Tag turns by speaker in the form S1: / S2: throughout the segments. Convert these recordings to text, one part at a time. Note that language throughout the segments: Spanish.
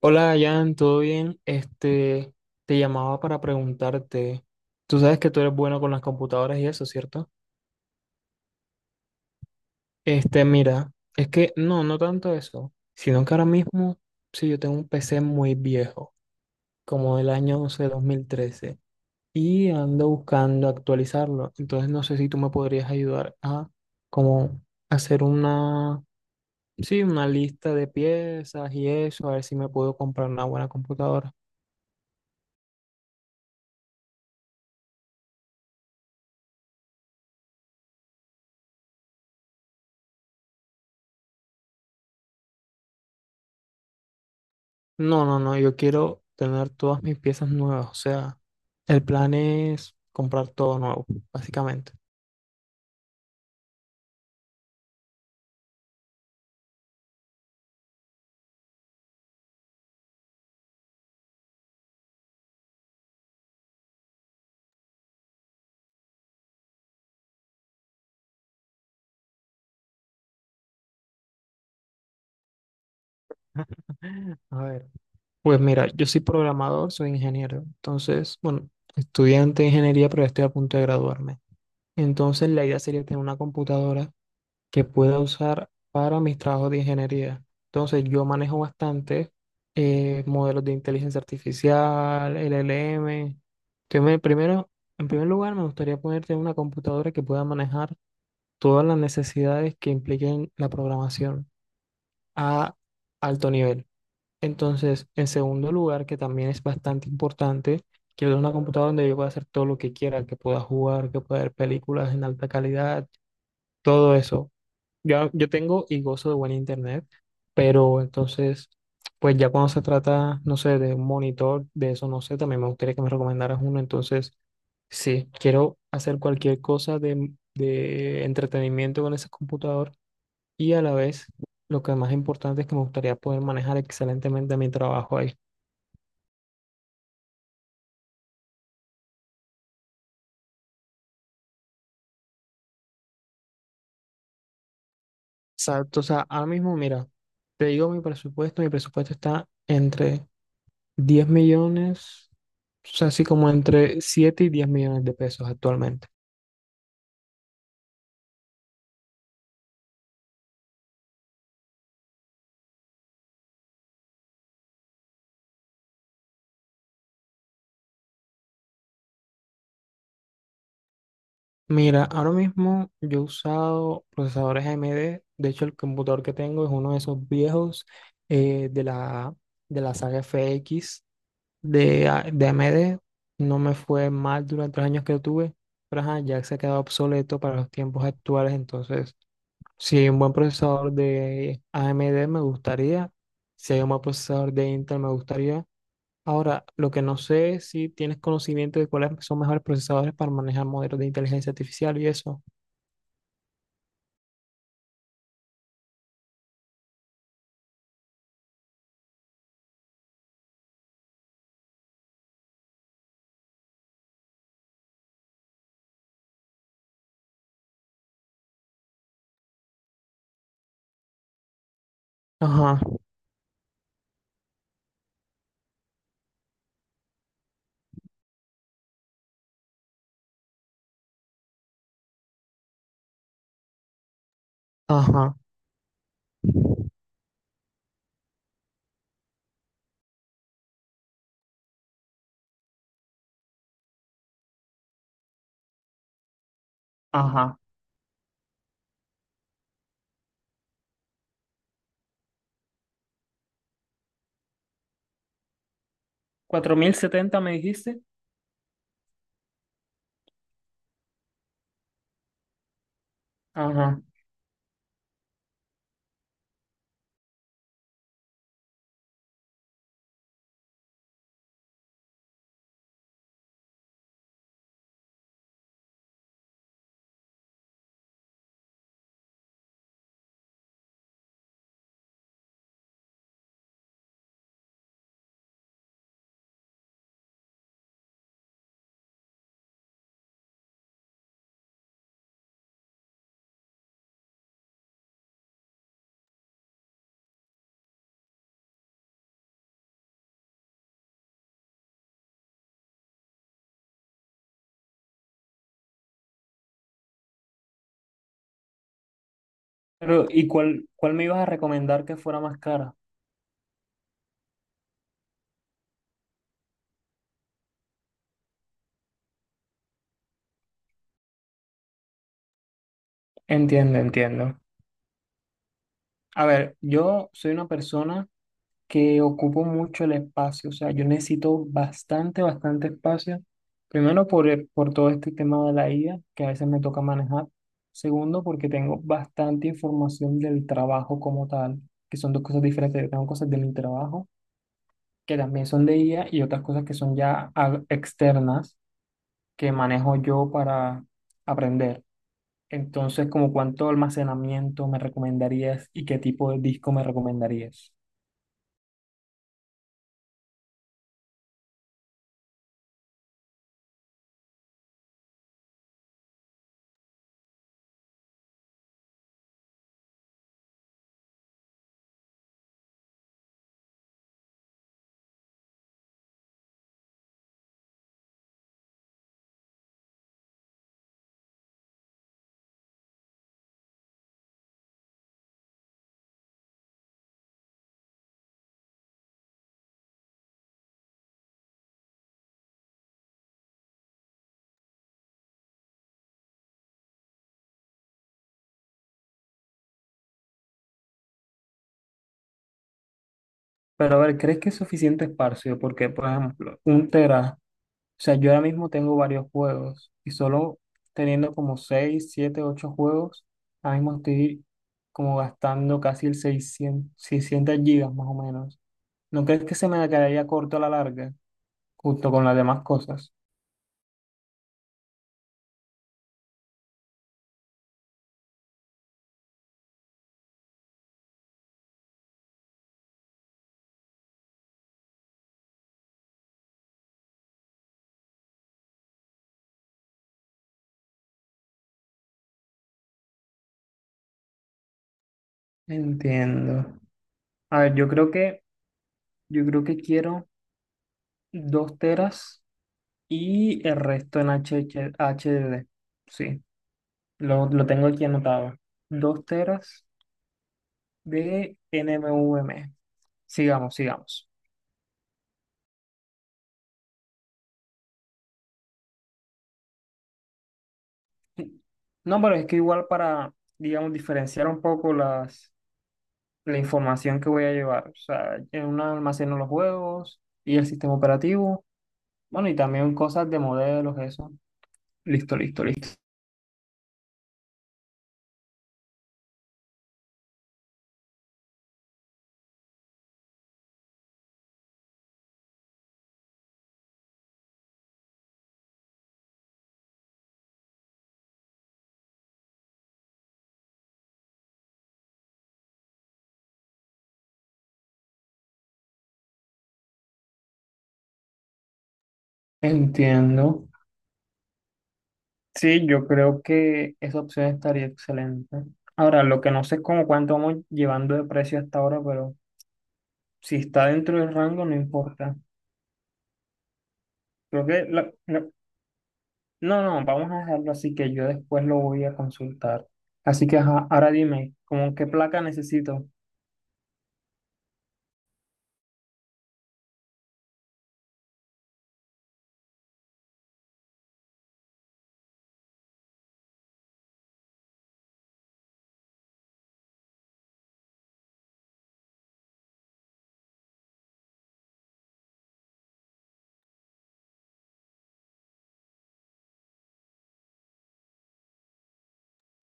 S1: Hola, Jan, ¿todo bien? Te llamaba para preguntarte. Tú sabes que tú eres bueno con las computadoras y eso, ¿cierto? Mira, es que no, no tanto eso, sino que ahora mismo, sí, yo tengo un PC muy viejo, como del año, no sé, 2013, y ando buscando actualizarlo. Entonces, no sé si tú me podrías ayudar a, como, hacer una, sí, una lista de piezas y eso, a ver si me puedo comprar una buena computadora. No, no, no, yo quiero tener todas mis piezas nuevas, o sea, el plan es comprar todo nuevo, básicamente. A ver, pues mira, yo soy programador, soy ingeniero, entonces, bueno, estudiante de ingeniería, pero ya estoy a punto de graduarme. Entonces, la idea sería tener una computadora que pueda usar para mis trabajos de ingeniería. Entonces, yo manejo bastante modelos de inteligencia artificial, LLM. Entonces, primero, en primer lugar, me gustaría ponerte una computadora que pueda manejar todas las necesidades que impliquen la programación a alto nivel. Entonces, en segundo lugar, que también es bastante importante, quiero una computadora donde yo pueda hacer todo lo que quiera, que pueda jugar, que pueda ver películas en alta calidad, todo eso. Yo tengo y gozo de buen internet, pero entonces, pues ya cuando se trata, no sé, de un monitor, de eso no sé, también me gustaría que me recomendaras uno. Entonces, sí, quiero hacer cualquier cosa de entretenimiento con ese computador y a la vez, lo que más importante es que me gustaría poder manejar excelentemente mi trabajo ahí. Exacto, o sea, ahora mismo, mira, te digo mi presupuesto está entre 10 millones, o sea, así como entre 7 y 10 millones de pesos actualmente. Mira, ahora mismo yo he usado procesadores AMD, de hecho el computador que tengo es uno de esos viejos eh, de la, de la saga FX de AMD, no me fue mal durante los años que lo tuve, pero ajá, ya se ha quedado obsoleto para los tiempos actuales, entonces si hay un buen procesador de AMD me gustaría, si hay un buen procesador de Intel me gustaría. Ahora, lo que no sé es si tienes conocimiento de cuáles son mejores procesadores para manejar modelos de inteligencia artificial y eso. Ajá, ajá, ajá. 4070 me dijiste. Ajá. Pero, ¿y cuál me ibas a recomendar que fuera más cara? Entiendo, entiendo. A ver, yo soy una persona que ocupo mucho el espacio, o sea, yo necesito bastante, bastante espacio. Primero por todo este tema de la IA, que a veces me toca manejar. Segundo, porque tengo bastante información del trabajo como tal, que son dos cosas diferentes. Yo tengo cosas de mi trabajo, que también son de IA, y otras cosas que son ya externas, que manejo yo para aprender. Entonces, ¿como cuánto almacenamiento me recomendarías y qué tipo de disco me recomendarías? Pero a ver, ¿crees que es suficiente espacio? Porque, por ejemplo, un tera, o sea, yo ahora mismo tengo varios juegos y solo teniendo como 6 7 8 juegos, ahora mismo estoy como gastando casi el 600, 600 gigas más o menos. ¿No crees que se me quedaría corto a la larga, junto con las demás cosas? Entiendo. A ver, yo creo que quiero 2 teras y el resto en HH D. Sí, lo tengo aquí anotado. 2 teras de NMVM. Sigamos, sigamos. No, pero es que igual para, digamos, diferenciar un poco la información que voy a llevar. O sea, en una almaceno los juegos y el sistema operativo. Bueno, y también cosas de modelos, eso. Listo, listo, listo. Entiendo. Sí, yo creo que esa opción estaría excelente. Ahora, lo que no sé es como cuánto vamos llevando de precio hasta ahora, pero si está dentro del rango, no importa. Creo que no, no, vamos a dejarlo así que yo después lo voy a consultar. Así que ajá, ahora dime, ¿cómo qué placa necesito?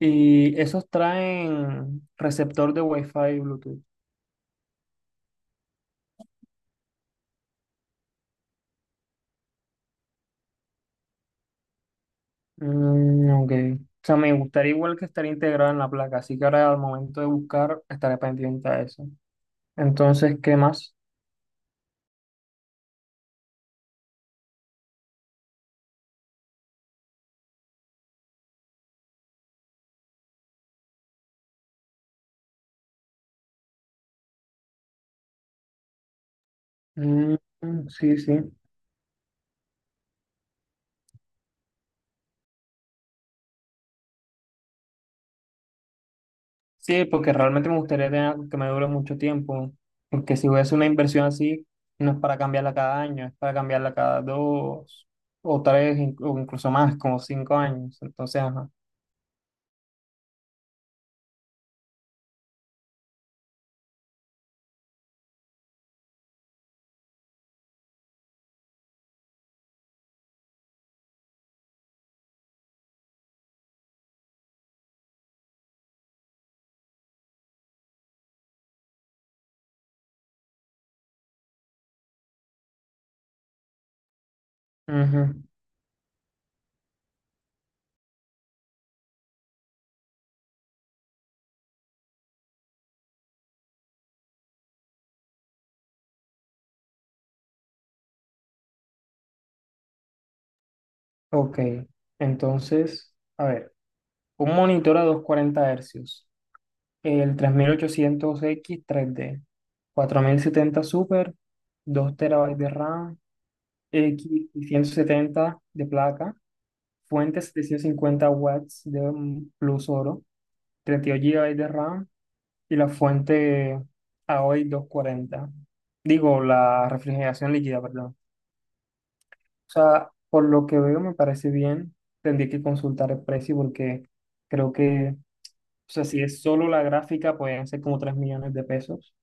S1: Y esos traen receptor de Wi-Fi y Bluetooth. Mm, ok. O sea, me gustaría igual que estar integrado en la placa, así que ahora al momento de buscar estaré pendiente a eso. Entonces, ¿qué más? Mm, sí, sí. Sí, porque realmente me gustaría tener algo que me dure mucho tiempo, porque si voy a hacer una inversión así, no es para cambiarla cada año, es para cambiarla cada dos o tres, o incluso más, como 5 años. Entonces, ajá. Ujú. Ok, entonces, a ver, un monitor a 240 Hz, el 3800X3D 4070 Super, 2 terabytes de RAM, X70 de placa, fuente 750 watts de plus oro, 32 GB de RAM y la fuente a AOI 40. Digo, la refrigeración líquida, perdón. O sea, por lo que veo me parece bien. Tendría que consultar el precio porque creo que, o sea, si es solo la gráfica, pueden ser como 3 millones de pesos.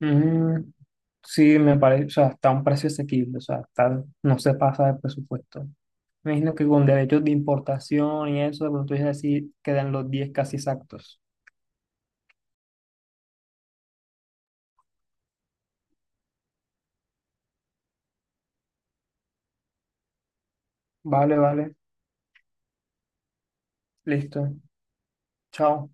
S1: Mm, sí, me parece, o sea, está a un precio asequible, o sea, está, no se pasa del presupuesto. Me imagino que con derechos de importación y eso, de pronto es así, quedan los 10 casi exactos. Vale, vale, listo. Chao.